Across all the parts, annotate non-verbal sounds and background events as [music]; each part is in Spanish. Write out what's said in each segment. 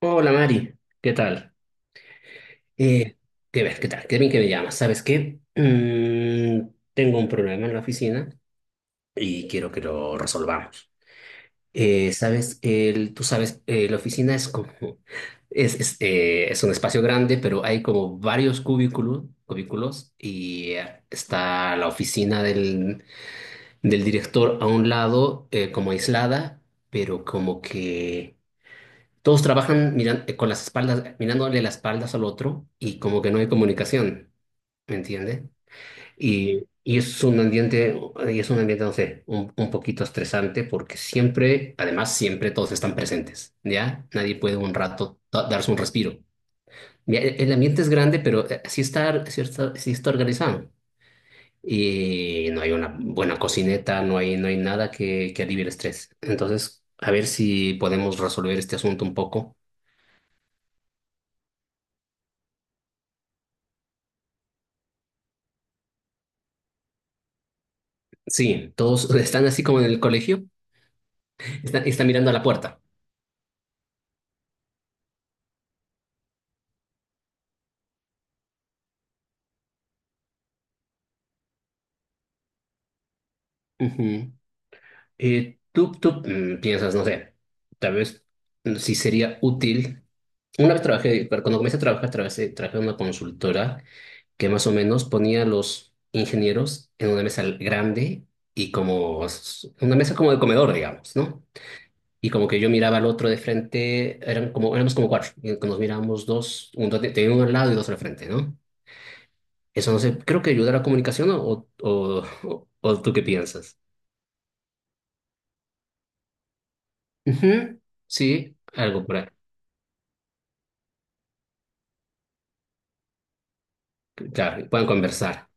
Hola Mari, ¿qué tal? Eh, qué ver, ¿qué tal? Qué bien que me llamas. ¿Sabes qué? Tengo un problema en la oficina y quiero que lo resolvamos. ¿Sabes? Tú sabes, la oficina es como, [laughs] es un espacio grande, pero hay como varios cubículos, cubículos y está la oficina del director a un lado, como aislada, pero como que todos trabajan con las espaldas, mirándole las espaldas al otro y como que no hay comunicación, ¿me entiende? Y es un ambiente, y es un ambiente, no sé, un poquito estresante porque siempre, además siempre todos están presentes, ¿ya? Nadie puede un rato darse un respiro. Mira, el ambiente es grande, pero sí está organizado. Y no hay una buena cocineta, no hay, no hay nada que, que alivie el estrés. Entonces, a ver si podemos resolver este asunto un poco. Sí, todos están así como en el colegio, están, están mirando a la puerta. Ujú. Tú piensas, no sé, tal vez sí sería útil. Una vez trabajé, pero cuando comencé a trabajar, trabajé en una consultora que más o menos ponía a los ingenieros en una mesa grande y como una mesa como de comedor, digamos, ¿no? Y como que yo miraba al otro de frente, eran como, éramos como cuatro, y nos mirábamos dos, tenía uno al lado y dos al frente, ¿no? Eso no sé, creo que ayuda a la comunicación o tú qué piensas. Ujú, sí, algo por ahí. Claro, y pueden conversar,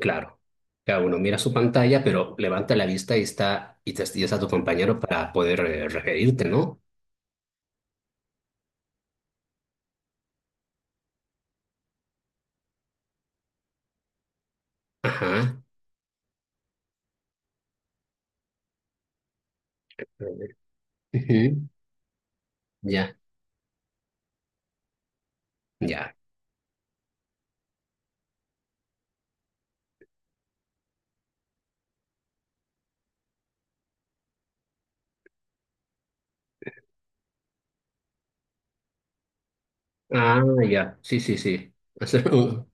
claro. Cada uno mira su pantalla, pero levanta la vista y está, y está tu compañero para poder referirte, ¿no? Ajá. A ver. Ujú. Ya, ya. Ah, ya. Sí, sí, sí. Hacer- uh,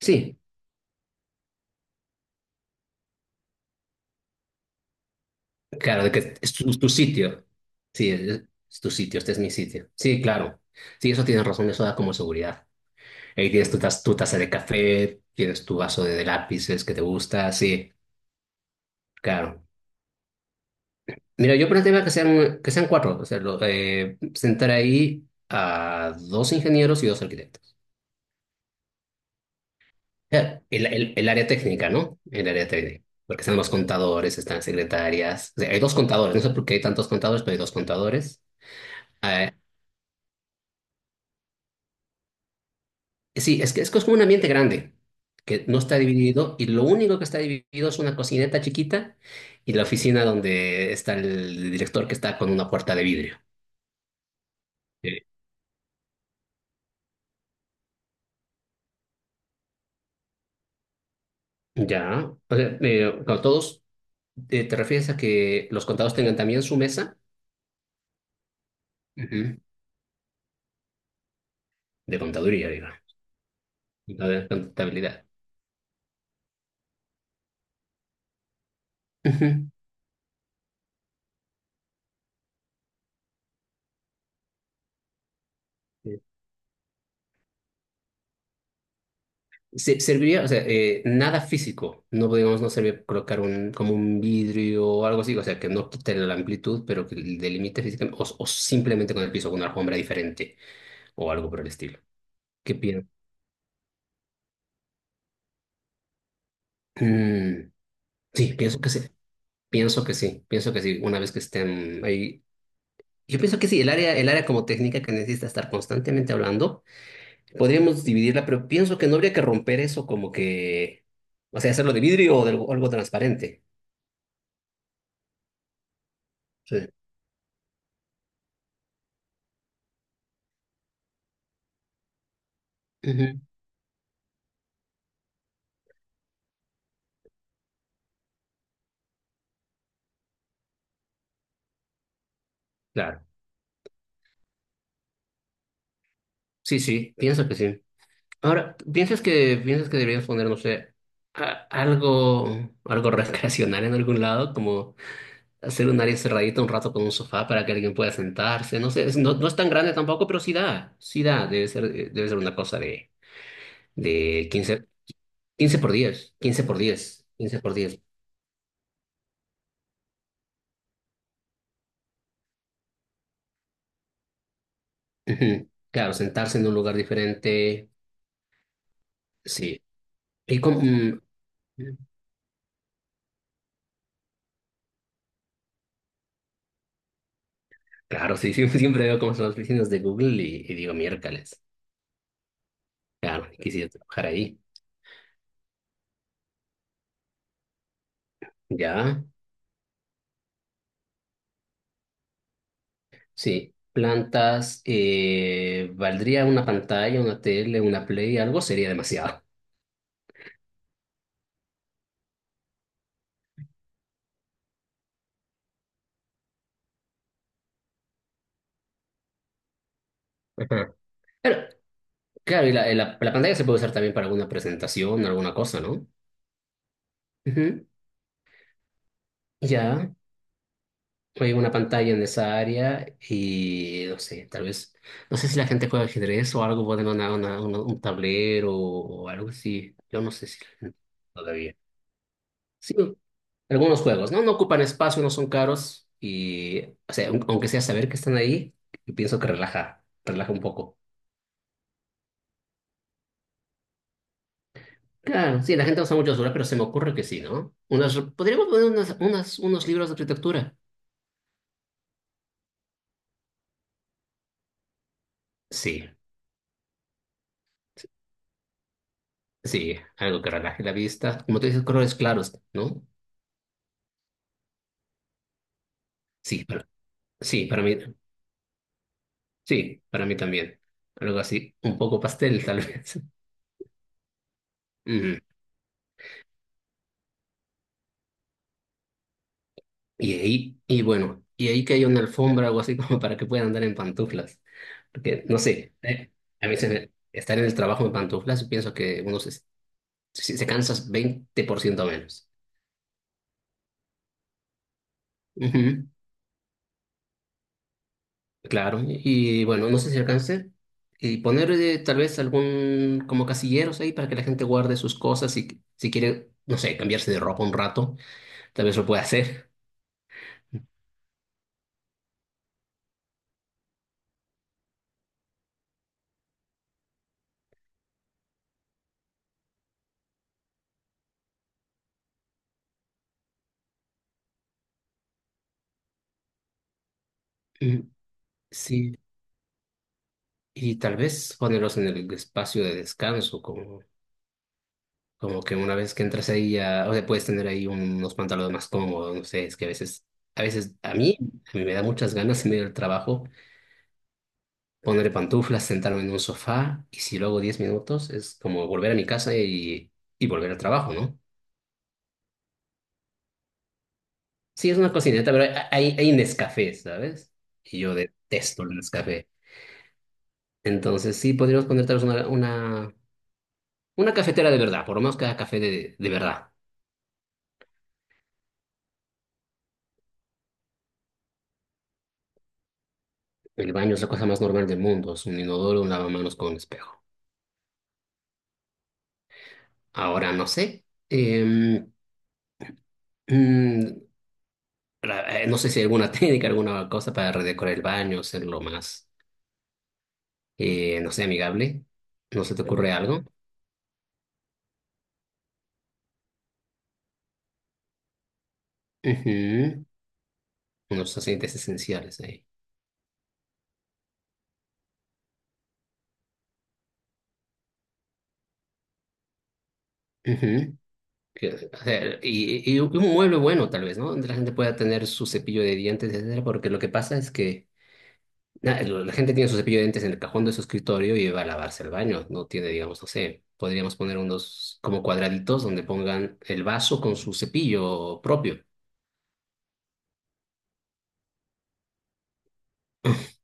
Sí, claro, de que es tu, tu sitio. Sí, es tu sitio, este es mi sitio. Sí, claro. Sí, eso tienes razón, eso da como seguridad. Ahí tienes tu, tu taza de café, tienes tu vaso de lápices que te gusta, sí, claro. Mira, yo planteaba que sean cuatro, o sea, sentar ahí a dos ingenieros y dos arquitectos. Claro, el área técnica, ¿no? El área técnica. Porque están los contadores, están secretarias. O sea, hay dos contadores, no sé por qué hay tantos contadores, pero hay dos contadores. Sí, es que es como un ambiente grande, que no está dividido y lo único que está dividido es una cocineta chiquita y la oficina donde está el director que está con una puerta de vidrio. Eh, Ya, o sea, con todos, ¿te refieres a que los contados tengan también su mesa? Ujú. De contaduría, digo, de contabilidad. Ujú. Serviría, o sea, nada físico, no podíamos, no servir colocar un, como un vidrio o algo así, o sea, que no quite la amplitud, pero que delimite físicamente, o simplemente con el piso, con una alfombra diferente o algo por el estilo. ¿Qué piensas? Sí, pienso que sí, pienso que sí, pienso que sí, una vez que estén ahí. Yo pienso que sí, el área como técnica que necesita estar constantemente hablando, podríamos dividirla, pero pienso que no habría que romper eso como que, o sea, hacerlo de vidrio o de algo, algo transparente. Sí. Ujú. Claro. Sí, sí, pienso que sí. Ahora, piensas que deberías poner, no sé, algo, algo [laughs] recreacional en algún lado? Como hacer un área cerradita un rato con un sofá para que alguien pueda sentarse. No sé, no, no es tan grande tampoco, pero sí da, sí da. Debe ser una cosa de 15, 15 por 10, 15 por 10, 15 por 10. Ujú. Claro, sentarse en un lugar diferente, sí. Y como, claro, sí, [laughs] sí, siempre veo cómo son las oficinas de Google y digo miércoles. Claro, quisiera trabajar ahí. Ya, sí. Plantas, valdría una pantalla, una tele, una play, algo sería demasiado. Ajá. Pero, claro, y la pantalla se puede usar también para alguna presentación, alguna cosa, ¿no? Ujú. Ya, hay una pantalla en esa área y no sé, tal vez, no sé si la gente juega ajedrez o algo, ponen un tablero o algo así. Yo no sé si la gente todavía. Sí, algunos juegos, ¿no? No ocupan espacio, no son caros y, o sea, aunque sea saber que están ahí, yo pienso que relaja, relaja un poco. Claro, sí, la gente usa mucho basura, pero se me ocurre que sí, ¿no? Unas, podríamos poner unas, unas, unos libros de arquitectura. Sí, sí, algo que relaje la vista. Como tú dices, colores claros, ¿no? Sí, para, sí, para mí, sí, para mí también. Algo así, un poco pastel, tal vez. [laughs] Ujú. Y ahí, y bueno, y ahí que hay una alfombra o algo así [laughs] como para que puedan andar en pantuflas. Porque, no sé, a veces estar en el trabajo en pantuflas, pienso que uno se cansa 20% menos. Ujú, claro, y bueno, no sé si alcance. Y poner tal vez algún como casilleros ahí para que la gente guarde sus cosas y si quiere, no sé, cambiarse de ropa un rato, tal vez lo pueda hacer. Mm, sí, y tal vez ponerlos en el espacio de descanso, como. Como que una vez que entras ahí ya, o sea, puedes tener ahí unos pantalones más cómodos, no sé, es que a veces, a veces a mí me da muchas ganas en medio del trabajo ponerle pantuflas, sentarme en un sofá y si luego 10 minutos es como volver a mi casa y volver al trabajo, ¿no? Sí, es una cocineta, pero hay, hay Nescafé, ¿sabes? Y yo detesto el Nescafé. Entonces sí, podríamos poner tal vez una cafetera de verdad, por lo menos cada café de verdad. El baño es la cosa más normal del mundo, es un inodoro, un lavamanos con un espejo. Ahora no sé. Mm, no sé si hay alguna [laughs] técnica, alguna cosa para redecorar el baño, hacerlo más, no sé, amigable. ¿No se te ocurre algo? Ujú, unos aceites esenciales ahí. Ujú, o sea, y un mueble bueno, tal vez, ¿no? Donde la gente pueda tener su cepillo de dientes, etcétera, porque lo que pasa es que. La gente tiene su cepillo de dientes en el cajón de su escritorio y va a lavarse el baño. No tiene, digamos, no sé, podríamos poner unos como cuadraditos donde pongan el vaso con su cepillo propio.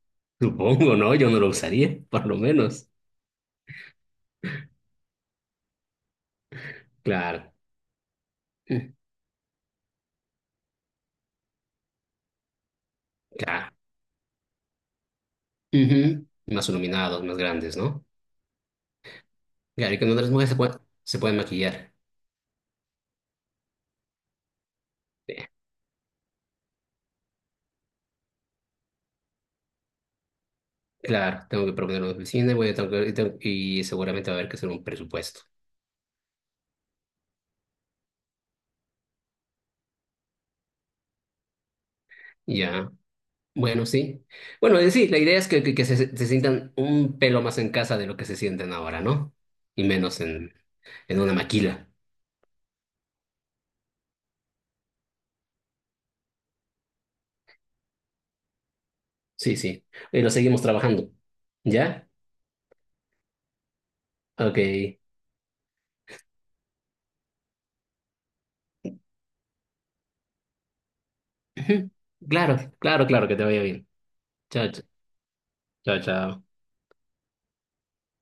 [laughs] Supongo, ¿no? Yo no lo usaría, por lo menos. Claro. Mm, claro. Ujú. Más iluminados, más grandes, ¿no? Claro, y que no las mujeres se pueden maquillar. Eh, Claro, tengo que proponer una oficina y, voy a tener que- y tengo- y seguramente va a haber que hacer un presupuesto. Ya. Bueno, sí. Bueno, sí, la idea es que, que se sientan un pelo más en casa de lo que se sienten ahora, ¿no? Y menos en una maquila. Sí, sí. Y lo seguimos trabajando. ¿Ya? Ok. Ujú. Claro, claro, claro, que te vaya bien. Chao, chao, chao. Chao.